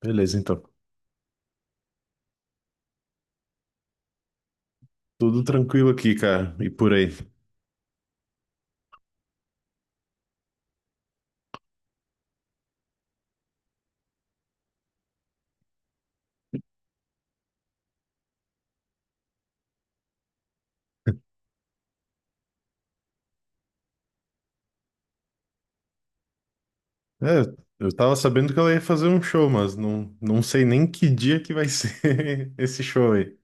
Beleza, então. Tudo tranquilo aqui, cara. E por aí. É, eu tava sabendo que ela ia fazer um show, mas não sei nem que dia que vai ser esse show aí.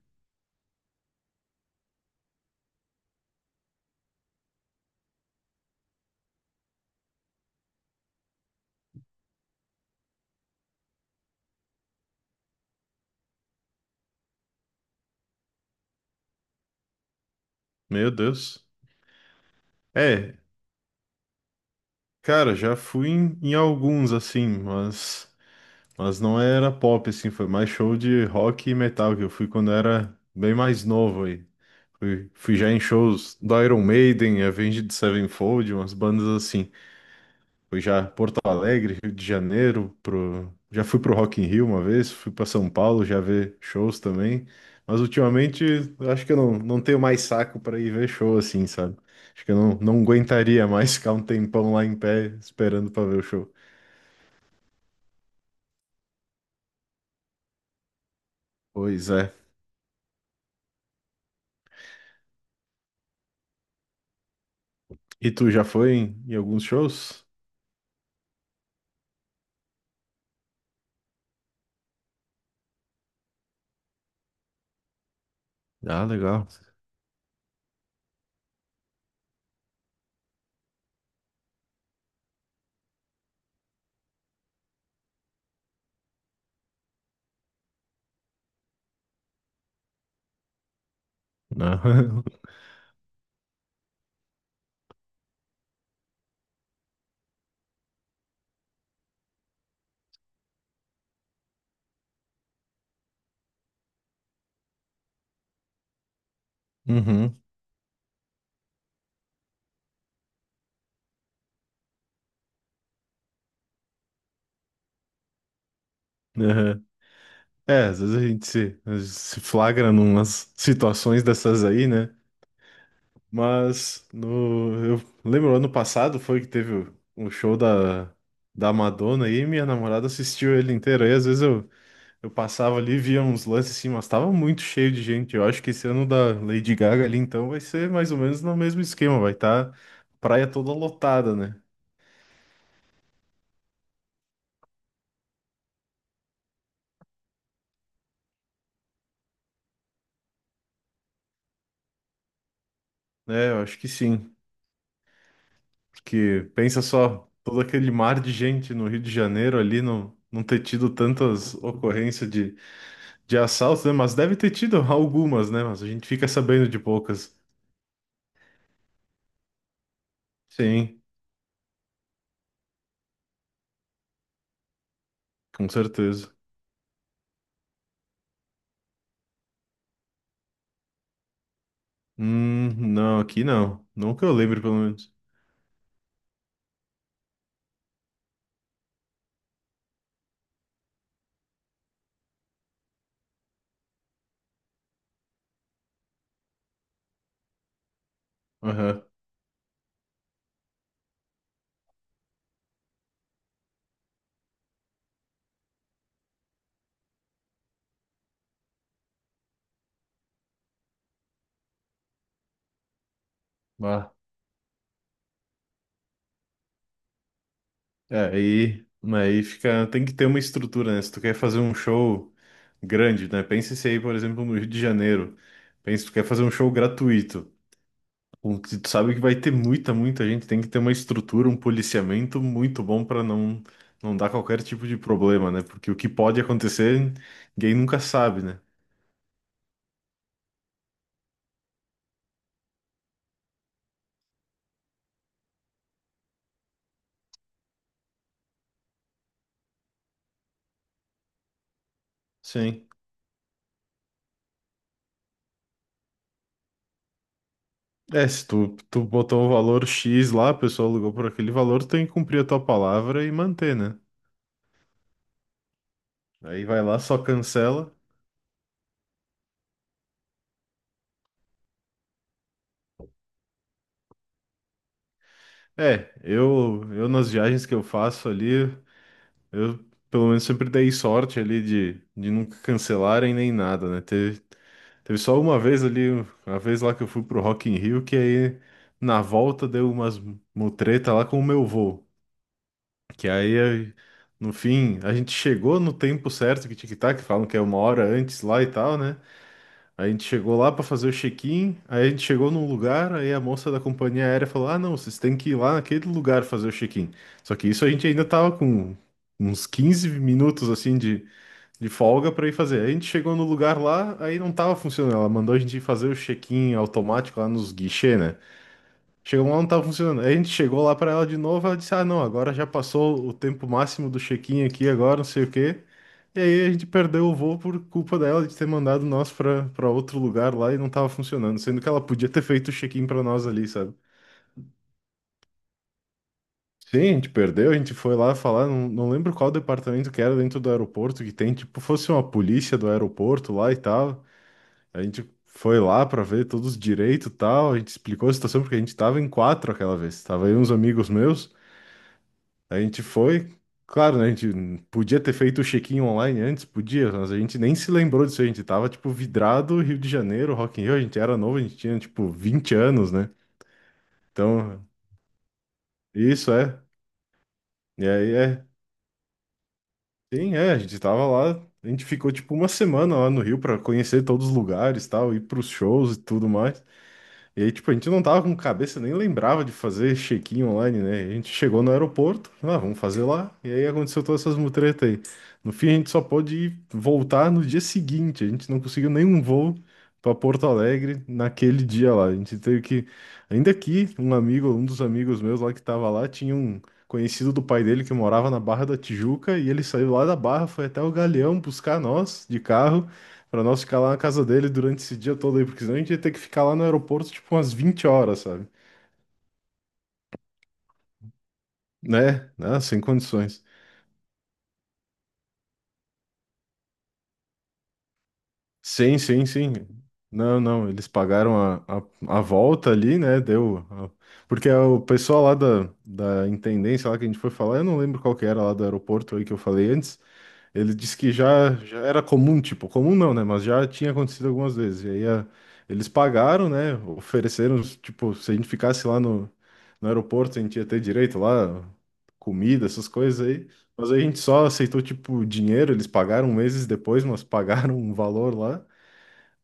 Meu Deus. É, cara, já fui em alguns, assim, mas não era pop, assim. Foi mais show de rock e metal que eu fui quando era bem mais novo aí. Fui já em shows do Iron Maiden, Avenged Sevenfold, umas bandas assim. Fui já Porto Alegre, Rio de Janeiro, já fui pro Rock in Rio uma vez, fui para São Paulo já ver shows também. Mas ultimamente eu acho que eu não tenho mais saco para ir ver show assim, sabe? Acho que eu não aguentaria mais ficar um tempão lá em pé esperando para ver o show. Pois é. E tu já foi em alguns shows? Ah, legal. Ah, Uhum. Aham. É, às vezes a gente se flagra numas situações dessas aí, né? Mas no, eu lembro, ano passado foi que teve o show da Madonna aí, e minha namorada assistiu ele inteiro. Aí às vezes eu passava ali e via uns lances assim, mas tava muito cheio de gente. Eu acho que esse ano da Lady Gaga ali, então, vai ser mais ou menos no mesmo esquema. Vai estar praia toda lotada, né? É, eu acho que sim. Porque pensa só, todo aquele mar de gente no Rio de Janeiro ali, não ter tido tantas ocorrências de assaltos, né? Mas deve ter tido algumas, né? Mas a gente fica sabendo de poucas. Sim, com certeza. Não, aqui não. Não que eu lembre, pelo menos. Aham. Bah. É, aí fica. Tem que ter uma estrutura, né? Se tu quer fazer um show grande, né? Pensa se aí, por exemplo, no Rio de Janeiro. Pensa, tu quer fazer um show gratuito. O que tu sabe que vai ter muita, muita gente. Tem que ter uma estrutura, um policiamento muito bom para não dar qualquer tipo de problema, né? Porque o que pode acontecer, ninguém nunca sabe, né? Sim. É, se tu botou um valor X lá, a pessoa alugou por aquele valor, tu tem que cumprir a tua palavra e manter, né? Aí vai lá, só cancela. É, eu nas viagens que eu faço ali. Eu, pelo menos, sempre dei sorte ali de nunca cancelarem nem nada, né? Teve só uma vez ali, uma vez lá que eu fui pro Rock in Rio, que aí na volta deu umas mutreta lá com o meu voo. Que aí, no fim, a gente chegou no tempo certo, que tic-tac, falam que é uma hora antes lá e tal, né? A gente chegou lá pra fazer o check-in, aí a gente chegou num lugar, aí a moça da companhia aérea falou: Ah, não, vocês têm que ir lá naquele lugar fazer o check-in. Só que isso a gente ainda tava com uns 15 minutos assim de folga pra ir fazer. Aí a gente chegou no lugar lá, aí não tava funcionando. Ela mandou a gente ir fazer o check-in automático lá nos guichês, né? Chegou lá, não tava funcionando. Aí a gente chegou lá pra ela de novo, ela disse: Ah, não, agora já passou o tempo máximo do check-in aqui, agora não sei o quê. E aí a gente perdeu o voo por culpa dela de ter mandado nós pra outro lugar lá e não tava funcionando, sendo que ela podia ter feito o check-in pra nós ali, sabe? Sim, a gente perdeu, a gente foi lá falar, não lembro qual departamento que era dentro do aeroporto que tem, tipo, fosse uma polícia do aeroporto lá e tal. A gente foi lá pra ver todos os direitos e tal, a gente explicou a situação porque a gente tava em quatro aquela vez, tava aí uns amigos meus. A gente foi, claro, né? A gente podia ter feito o check-in online antes, podia, mas a gente nem se lembrou disso. A gente tava, tipo, vidrado Rio de Janeiro, Rock in Rio. A gente era novo, a gente tinha, tipo, 20 anos, né? Então, isso é. E aí é. Sim, é. A gente tava lá, a gente ficou, tipo, uma semana lá no Rio pra conhecer todos os lugares, tal, ir pros shows e tudo mais. E aí, tipo, a gente não tava com cabeça, nem lembrava de fazer check-in online, né? A gente chegou no aeroporto, ah, vamos fazer lá. E aí aconteceu todas essas mutretas aí. No fim, a gente só pôde ir voltar no dia seguinte. A gente não conseguiu nenhum voo para Porto Alegre naquele dia lá. A gente teve que. Ainda aqui, um amigo, um dos amigos meus lá que tava lá, tinha um conhecido do pai dele que morava na Barra da Tijuca. E ele saiu lá da Barra, foi até o Galeão buscar nós de carro. Pra nós ficar lá na casa dele durante esse dia todo aí, porque senão a gente ia ter que ficar lá no aeroporto tipo umas 20 horas, sabe? Né? Né? Sem condições. Sim, sim, sim. Não, não, eles pagaram a volta ali, né? Deu. Porque o pessoal lá da intendência lá que a gente foi falar, eu não lembro qual que era lá do aeroporto aí que eu falei antes, ele disse que já era comum, tipo, comum não, né? Mas já tinha acontecido algumas vezes. E aí eles pagaram, né? Ofereceram, tipo, se a gente ficasse lá no aeroporto, a gente ia ter direito lá, comida, essas coisas aí. Mas aí a gente só aceitou, tipo, dinheiro. Eles pagaram meses depois, mas pagaram um valor lá.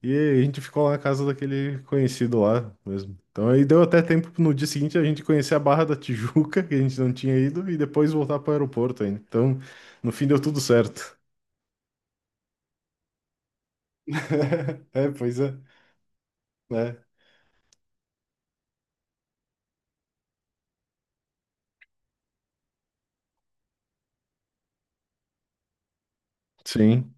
E a gente ficou lá na casa daquele conhecido lá mesmo. Então aí deu até tempo no dia seguinte a gente conhecer a Barra da Tijuca, que a gente não tinha ido, e depois voltar para o aeroporto ainda. Então, no fim deu tudo certo. É, pois é, né? Sim,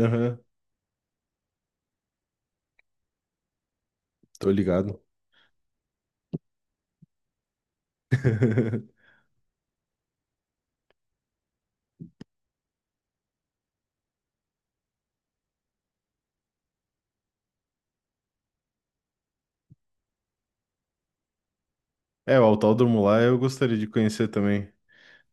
aham, tô ligado. É, o Autódromo lá eu gostaria de conhecer também.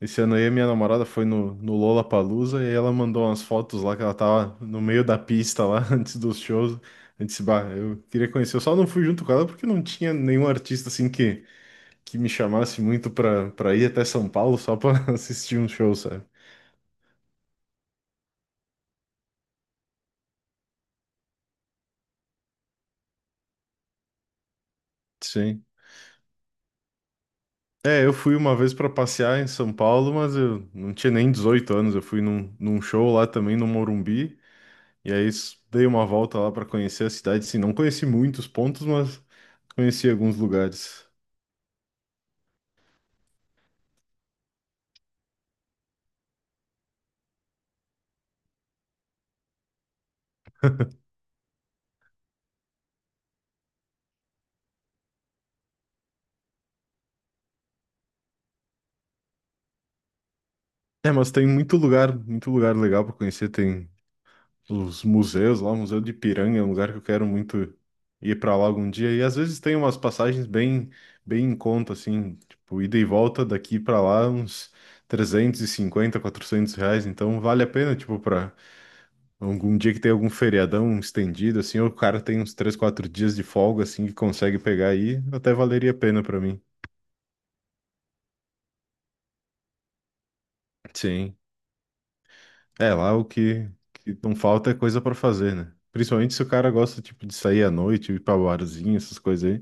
Esse ano aí a minha namorada foi no Lollapalooza e ela mandou umas fotos lá que ela tava no meio da pista lá antes dos shows. Eu disse, bah, eu queria conhecer. Eu só não fui junto com ela porque não tinha nenhum artista assim que me chamasse muito pra ir até São Paulo só pra assistir um show, sabe? Sim. É, eu fui uma vez para passear em São Paulo, mas eu não tinha nem 18 anos. Eu fui num show lá também no Morumbi, e aí dei uma volta lá para conhecer a cidade. Sim, não conheci muitos pontos, mas conheci alguns lugares. É, mas tem muito lugar legal para conhecer. Tem os museus lá, o Museu de Ipiranga é um lugar que eu quero muito ir para lá algum dia. E às vezes tem umas passagens bem, bem em conta, assim, tipo, ida e volta daqui para lá, uns R$ 350, 400. Então vale a pena, tipo, para algum dia que tem algum feriadão estendido, assim, ou o cara tem uns 3, 4 dias de folga, assim, que consegue pegar aí, até valeria a pena para mim. Sim. É, lá o que não falta é coisa para fazer, né? Principalmente se o cara gosta, tipo, de sair à noite, ir pra barzinho, essas coisas.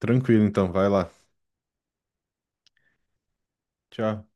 Tranquilo, então, vai lá. Tchau.